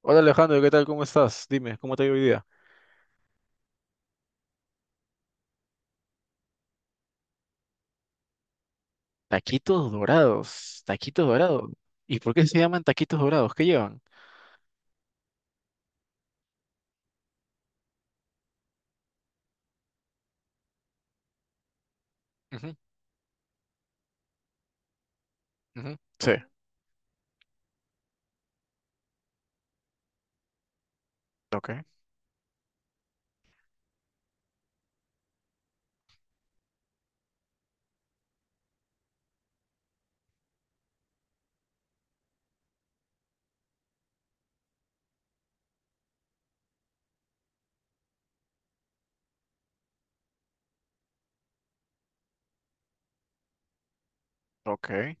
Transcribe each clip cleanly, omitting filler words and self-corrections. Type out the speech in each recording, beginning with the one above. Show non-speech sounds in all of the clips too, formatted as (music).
Hola Alejandro, ¿qué tal? ¿Cómo estás? Dime, ¿cómo te ha ido hoy día? Taquitos dorados, taquitos dorados. ¿Y por qué se llaman taquitos dorados? ¿Qué llevan? Ujú, ujú. Sí, ok, ok.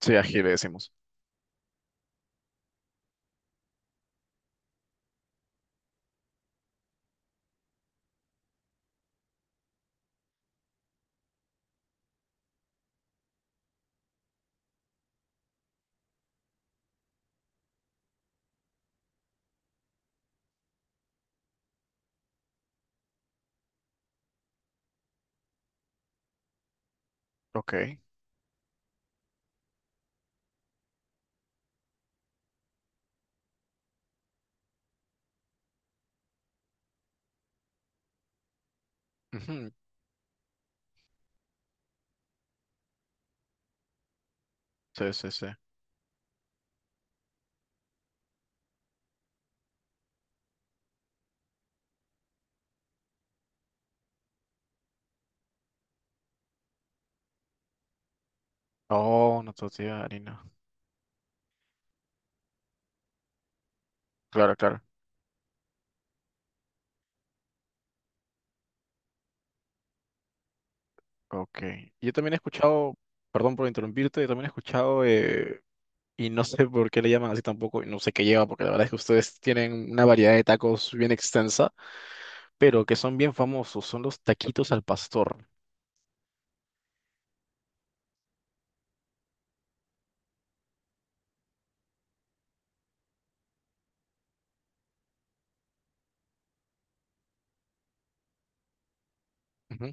Sí, ají le decimos. Ok. Ujú, sí, sí, sí. Oh, una tortilla de harina. Claro, claro. Ok. Yo también he escuchado, perdón por interrumpirte, yo también he escuchado, y no sé por qué le llaman así tampoco, y no sé qué lleva, porque la verdad es que ustedes tienen una variedad de tacos bien extensa, pero que son bien famosos, son los taquitos al pastor. Ujú.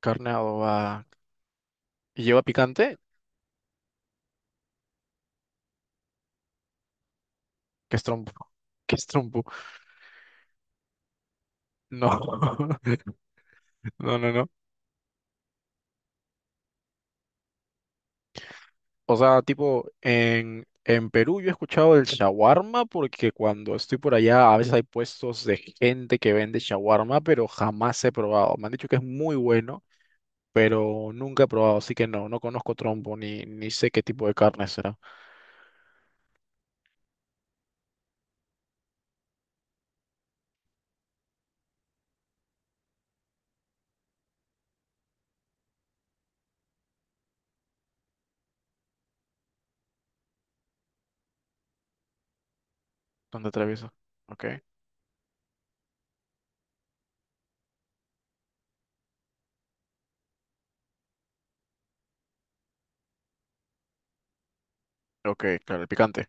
Carne adobada. ¿Y lleva picante? ¿Qué es trompo? (laughs) ¿Qué es trompo? No, (laughs) no, no, no. O sea, tipo, en Perú yo he escuchado el shawarma porque cuando estoy por allá a veces hay puestos de gente que vende shawarma, pero jamás he probado. Me han dicho que es muy bueno, pero nunca he probado, así que no, no conozco trompo ni sé qué tipo de carne será. ¿Dónde atraviesa? Ok, ok, claro, el picante.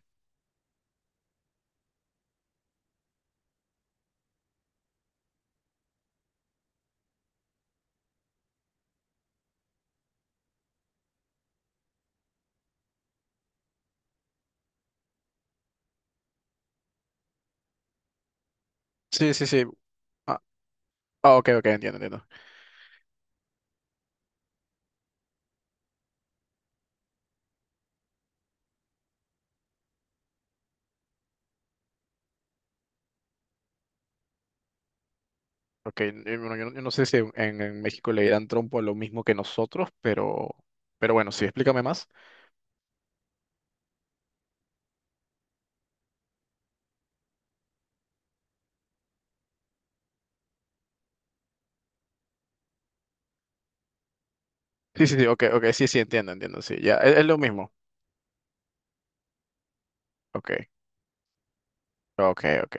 Sí, sí, sí. Ah, ah, ok, ok, entiendo, entiendo. Ok, bueno, yo no sé si en México le dan trompo a lo mismo que nosotros, pero bueno, sí, explícame más. Sí, sí, sí, ok, ok, sí, sí, entiendo, entiendo, sí, ya, es lo mismo. Ok, ok, ok.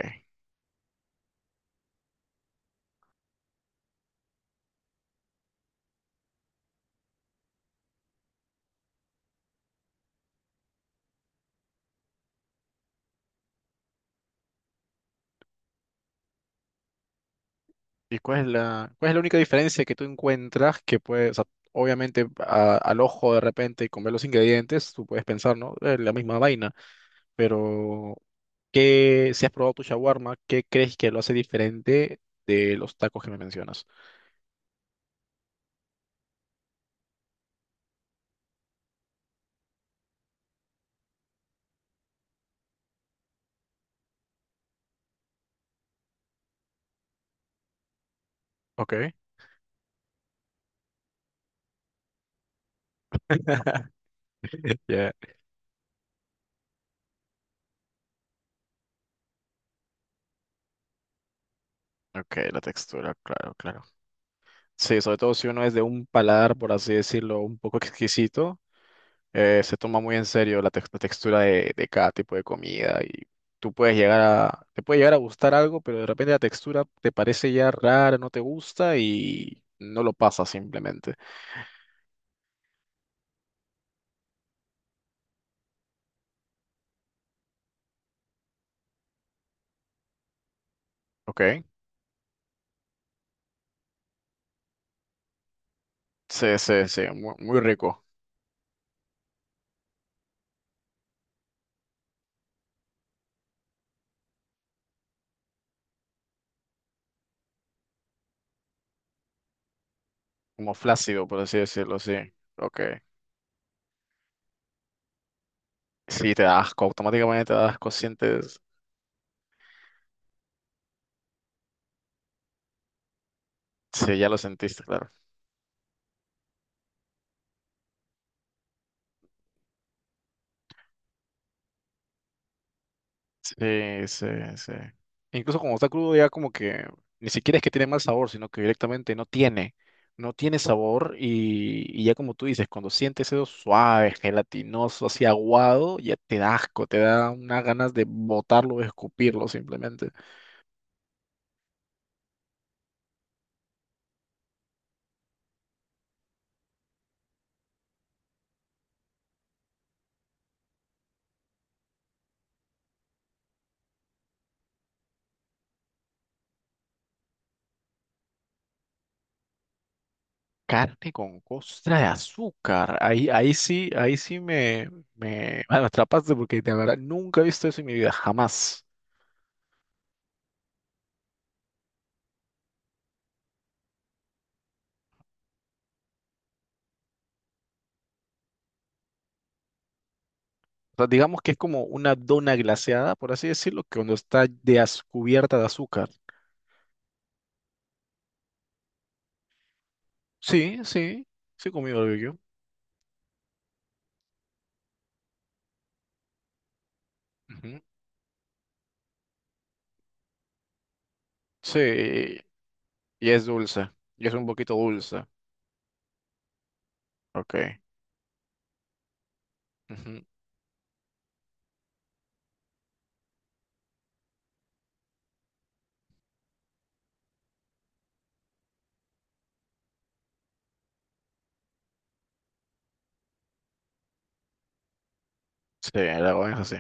¿Y cuál es cuál es la única diferencia que tú encuentras que puede, o sea, obviamente al ojo de repente y con ver los ingredientes, tú puedes pensar, ¿no? Es la misma vaina, pero ¿qué, si has probado tu shawarma, qué crees que lo hace diferente de los tacos que me mencionas? Ok, ya. Ok, la textura, claro, claro. Sí, sobre todo si uno es de un paladar, por así decirlo, un poco exquisito, se toma muy en serio la textura de cada tipo de comida y tú puedes llegar a, te puede llegar a gustar algo, pero de repente la textura te parece ya rara, no te gusta y no lo pasas simplemente. ¿Ok? Sí, sí, sí, muy, muy rico. Como flácido, por así decirlo, sí. Ok. Sí, te da asco, automáticamente te da asco, sientes... Sí, ya lo sentiste, claro. Sí, sí, sí. Incluso cuando está crudo ya como que ni siquiera es que tiene mal sabor, sino que directamente no tiene, no tiene sabor y ya como tú dices, cuando sientes eso suave, gelatinoso, así aguado, ya te da asco, te da unas ganas de botarlo, de escupirlo simplemente. Carne con costra de azúcar, ahí, ahí sí, me atrapaste porque de verdad nunca he visto eso en mi vida, jamás. O sea, digamos que es como una dona glaseada, por así decirlo, que cuando está cubierta de azúcar. Sí, sí, sí he comido barbecue. Ujú. Sí, y es dulce, y es un poquito dulce. Ok. Ujú. Sí, la verdad es así.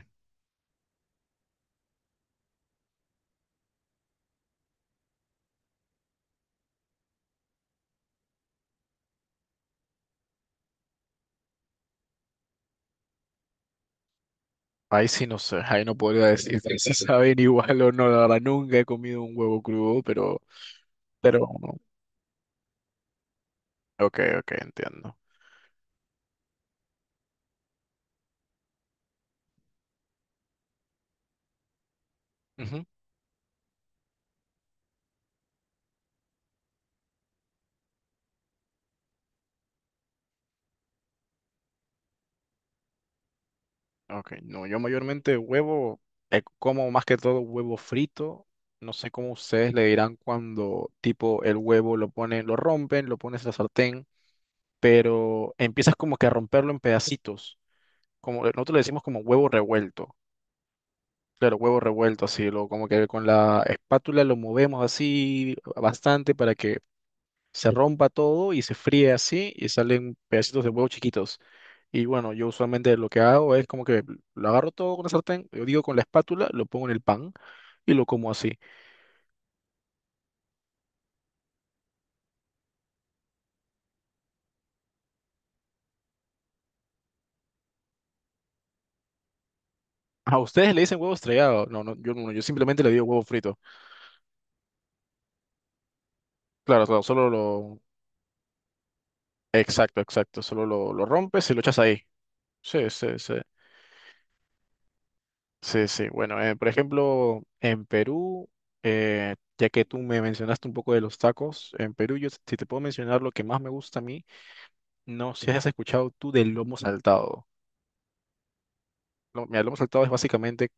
Ahí sí no sé, ahí no podría decir (laughs) si saben igual o no, la verdad nunca he comido un huevo crudo, pero ok, ok, entiendo. Ujú. Ok, no, yo mayormente como más que todo huevo frito. No sé cómo ustedes le dirán cuando tipo el huevo lo ponen, lo rompen, lo pones en la sartén, pero empiezas como que a romperlo en pedacitos. Como nosotros le decimos como huevo revuelto. Claro, huevo revuelto, así, lo, como que con la espátula lo movemos así bastante para que se rompa todo y se fríe así y salen pedacitos de huevo chiquitos. Y bueno, yo usualmente lo que hago es como que lo agarro todo con la sartén, yo digo con la espátula, lo pongo en el pan y lo como así. A ustedes le dicen huevo estrellado. No, no, yo no, yo simplemente le digo huevo frito. Claro, claro, solo lo... Exacto, exacto, solo lo rompes y lo echas ahí. Sí, sí, sí. Sí, sí. Bueno, por ejemplo, en Perú, ya que tú me mencionaste un poco de los tacos, en Perú yo si te puedo mencionar lo que más me gusta a mí, no sé si has escuchado tú del lomo saltado. Mira, el lomo saltado es básicamente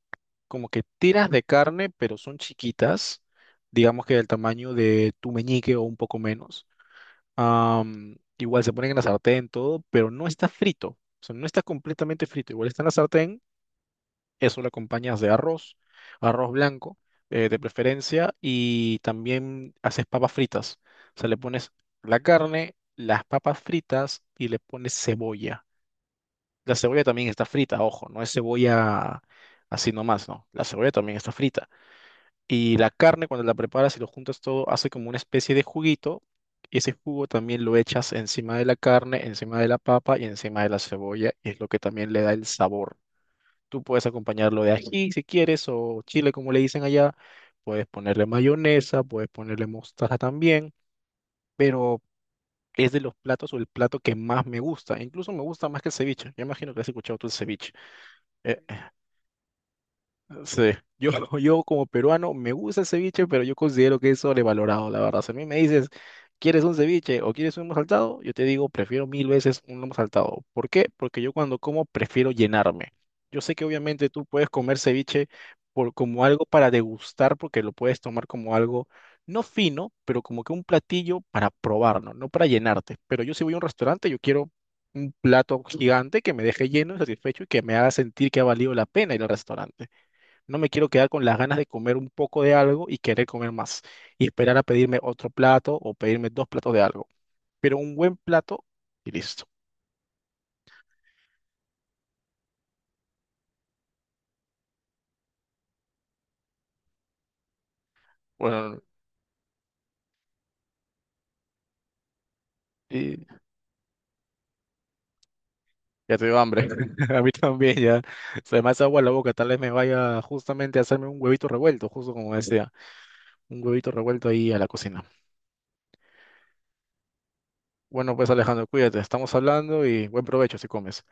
como que tiras de carne, pero son chiquitas, digamos que del tamaño de tu meñique o un poco menos. Am, igual se ponen en la sartén, todo, pero no está frito, o sea, no está completamente frito, igual está en la sartén, eso lo acompañas de arroz, arroz blanco, de preferencia, y también haces papas fritas, o sea, le pones la carne, las papas fritas y le pones cebolla. La cebolla también está frita, ojo, no es cebolla así nomás, no, la cebolla también está frita y la carne, cuando la preparas y lo juntas todo, hace como una especie de juguito. Y ese jugo también lo echas encima de la carne, encima de la papa y encima de la cebolla. Y es lo que también le da el sabor. Tú puedes acompañarlo de ají si quieres, o chile como le dicen allá. Puedes ponerle mayonesa, puedes ponerle mostaza también. Pero es de los platos o el plato que más me gusta. Incluso me gusta más que el ceviche. Yo imagino que has escuchado tú el ceviche. Eh, Sí, yo, (laughs) yo como peruano me gusta el ceviche, pero yo considero que es sobrevalorado, la verdad. Si a mí me dices, ¿quieres un ceviche o quieres un lomo saltado? Yo te digo, prefiero mil veces un lomo saltado. ¿Por qué? Porque yo cuando como prefiero llenarme. Yo sé que obviamente tú puedes comer ceviche por, como algo para degustar, porque lo puedes tomar como algo no fino, pero como que un platillo para probar, ¿no? No para llenarte. Pero yo si voy a un restaurante, yo quiero un plato gigante que me deje lleno y satisfecho y que me haga sentir que ha valido la pena ir al restaurante. No me quiero quedar con las ganas de comer un poco de algo y querer comer más y esperar a pedirme otro plato o pedirme dos platos de algo. Pero un buen plato y listo. Bueno, y ya te dio hambre. (laughs) A mí también ya. Se me hace agua la boca. Tal vez me vaya justamente a hacerme un huevito revuelto, justo como decía. Un huevito revuelto ahí a la cocina. Bueno, pues Alejandro, cuídate. Estamos hablando y buen provecho si comes.